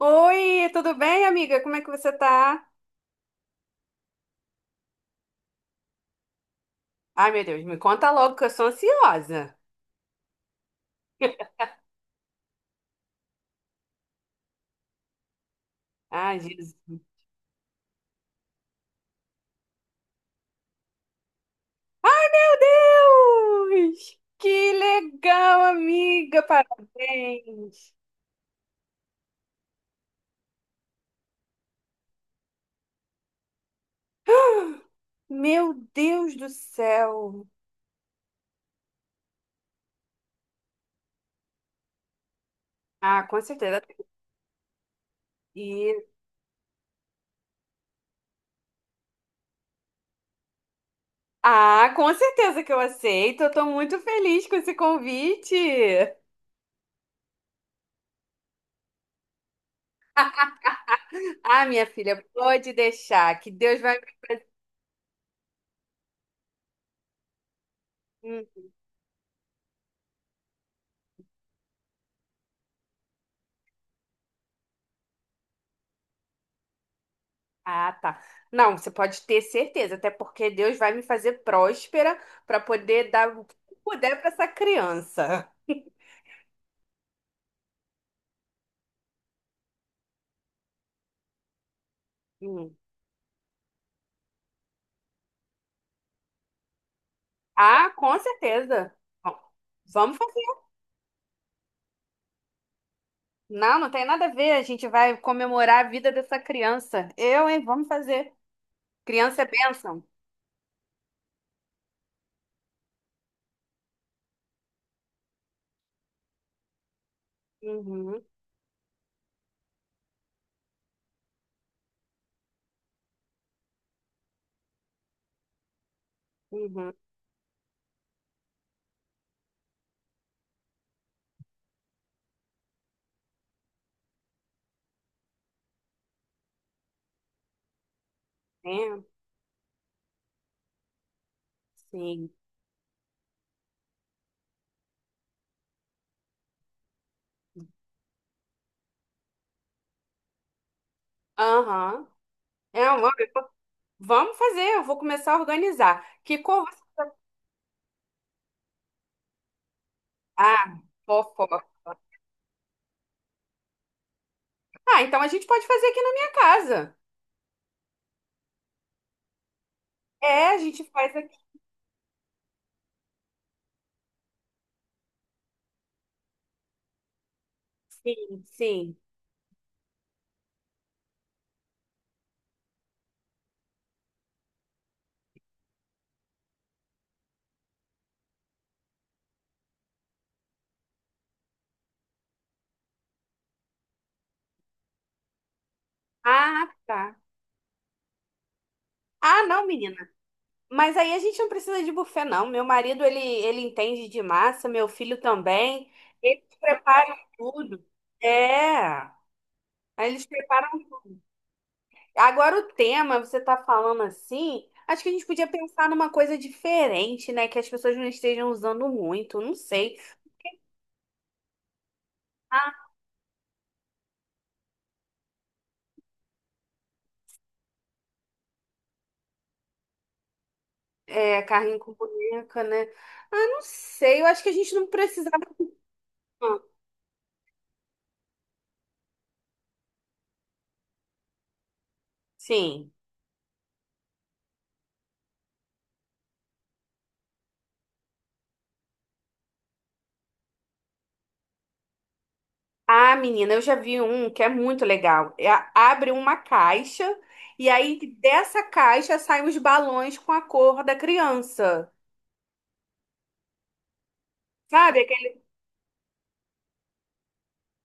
Oi, tudo bem, amiga? Como é que você tá? Ai, meu Deus, me conta logo que eu sou ansiosa. Ai, Jesus. Deus! Que legal, amiga! Parabéns! Meu Deus do céu! Ah, com certeza. E... Ah, com certeza que eu aceito. Eu tô muito feliz com esse convite. Ah, minha filha, pode deixar, que Deus vai. Ah, tá. Não, você pode ter certeza, até porque Deus vai me fazer próspera para poder dar o que puder para essa criança. Hum. Ah, com certeza. Bom, vamos fazer. Não, não tem nada a ver. A gente vai comemorar a vida dessa criança. Eu, hein? Vamos fazer. Criança é bênção. Uhum, uhum. É, sim. Aham. É, vamos fazer. Eu vou começar a organizar. Que cor... Ah, fofoca. Ah, então a gente pode fazer aqui na minha casa. É, a gente faz aqui. Sim, sim. Ah, tá. Ah, não, menina. Mas aí a gente não precisa de buffet, não. Meu marido, ele entende de massa, meu filho também. Eles preparam tudo. É. Aí eles preparam. Agora o tema, você tá falando assim, acho que a gente podia pensar numa coisa diferente, né? Que as pessoas não estejam usando muito, não sei. Ah, é, carrinho com boneca, né? Ah, não sei. Eu acho que a gente não precisava. Não. Sim. Ah, menina, eu já vi um que é muito legal. É, abre uma caixa e aí dessa caixa saem os balões com a cor da criança. Sabe? Aquele...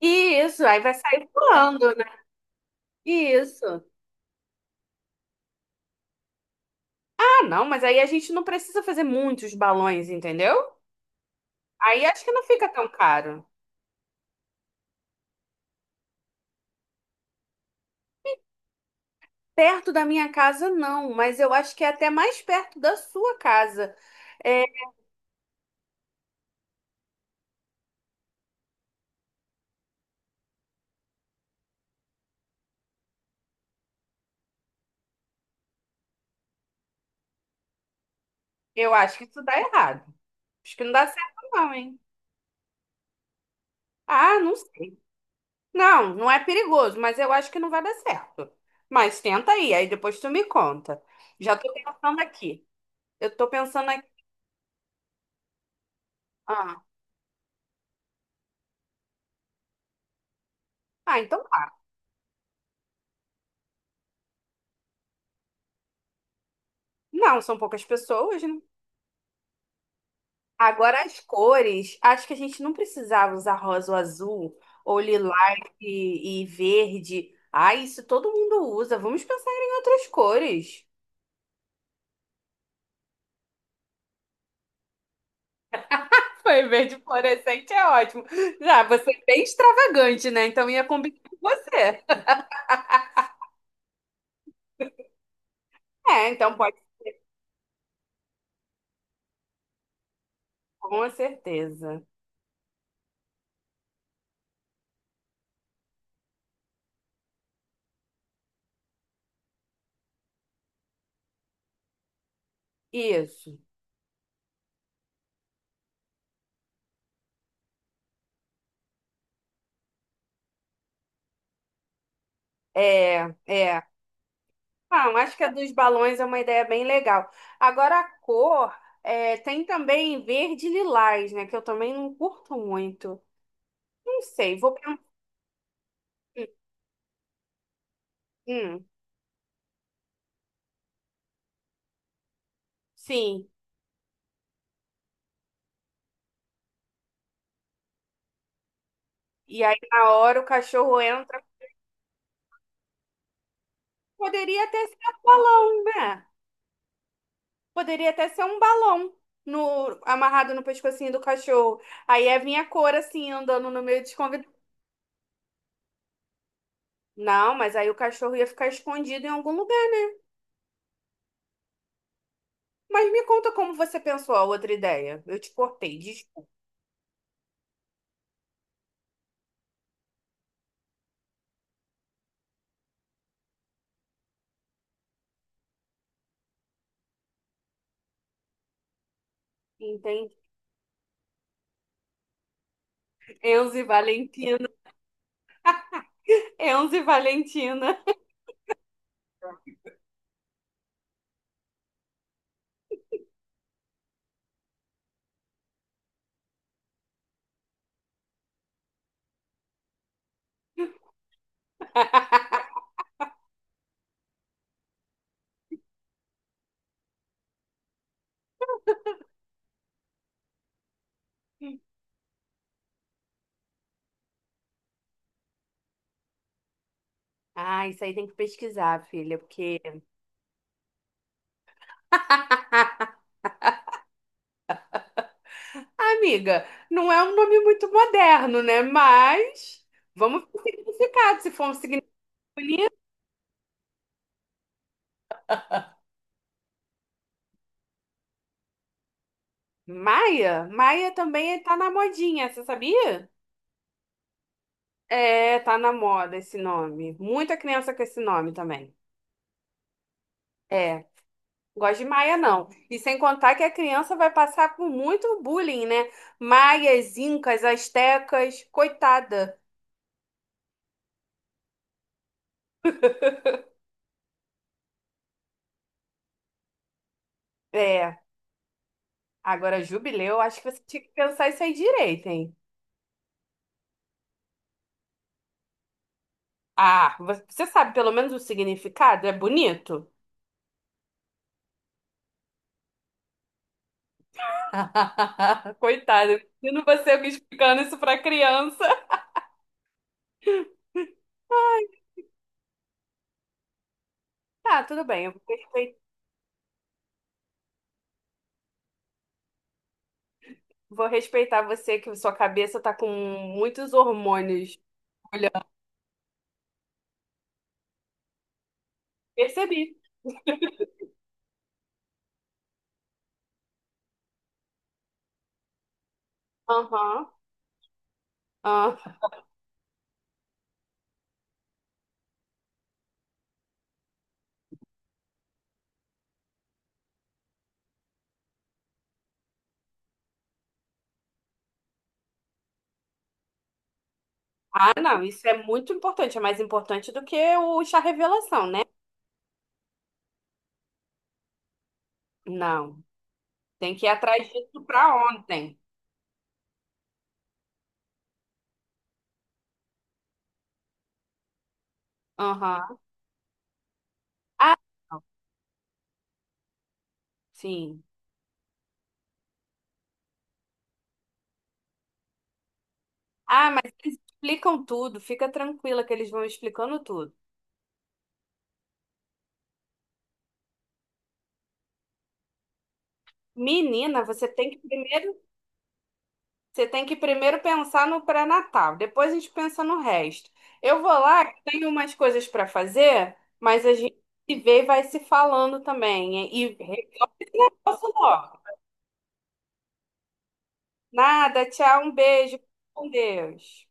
Isso, aí vai sair voando, né? Isso. Ah, não, mas aí a gente não precisa fazer muitos balões, entendeu? Aí acho que não fica tão caro. Perto da minha casa, não, mas eu acho que é até mais perto da sua casa. É, eu acho que isso dá errado. Acho que não dá certo, não, hein? Ah, não sei. Não, não é perigoso, mas eu acho que não vai dar certo. Mas tenta aí, aí depois tu me conta. Já tô pensando aqui. Eu tô pensando aqui. Ah, ah, então tá. Não, são poucas pessoas, né? Agora as cores. Acho que a gente não precisava usar rosa ou azul, ou lilás e verde. Ah, isso todo mundo usa. Vamos pensar em outras cores. Foi, verde fluorescente é ótimo. Já, você é bem extravagante, né? Então ia combinar com você. É, então pode, com certeza. Isso. É, é. Ah, eu acho que a dos balões é uma ideia bem legal. Agora a cor, é, tem também verde e lilás, né? Que eu também não curto muito. Não sei, vou pensar. Hum, hum, sim. E aí na hora o cachorro entra. Poderia até ser um balão, né? Poderia até ser um balão no, amarrado no pescocinho do cachorro. Aí ia vir a cor assim, andando no meio dos convidados. Não, mas aí o cachorro ia ficar escondido em algum lugar. Mas me conta como você pensou a outra ideia. Eu te cortei, desculpa. Entendi. Enzo e Valentina. Enzo e Valentina. Ah, isso aí tem que pesquisar, filha, porque. Amiga, não é um nome muito moderno, né? Mas vamos pro significado. Se for um significado bonito. Maia? Maia também tá na modinha, você sabia? É, tá na moda esse nome. Muita criança com esse nome também. É. Gosto de Maia, não. E sem contar que a criança vai passar por muito bullying, né? Maias, incas, astecas, coitada. É, agora jubileu, acho que você tinha que pensar isso aí direito, hein? Ah, você sabe pelo menos o significado? É bonito? Coitada, imagino você explicando isso pra criança. Tá, tudo bem, eu vou respeitar você que sua cabeça tá com muitos hormônios. Olha, percebi. Aham, aham. Ah, não, isso é muito importante, é mais importante do que o chá revelação, né? Não, tem que ir atrás disso para ontem. Aham. Ah, não, sim. Ah, mas eles explicam tudo, fica tranquila que eles vão explicando tudo. Menina, você tem que primeiro pensar no pré-natal, depois a gente pensa no resto. Eu vou lá, que tenho umas coisas para fazer, mas a gente se vê e vai se falando também, e resolve esse negócio logo. Nada, tchau, um beijo. Fica com Deus.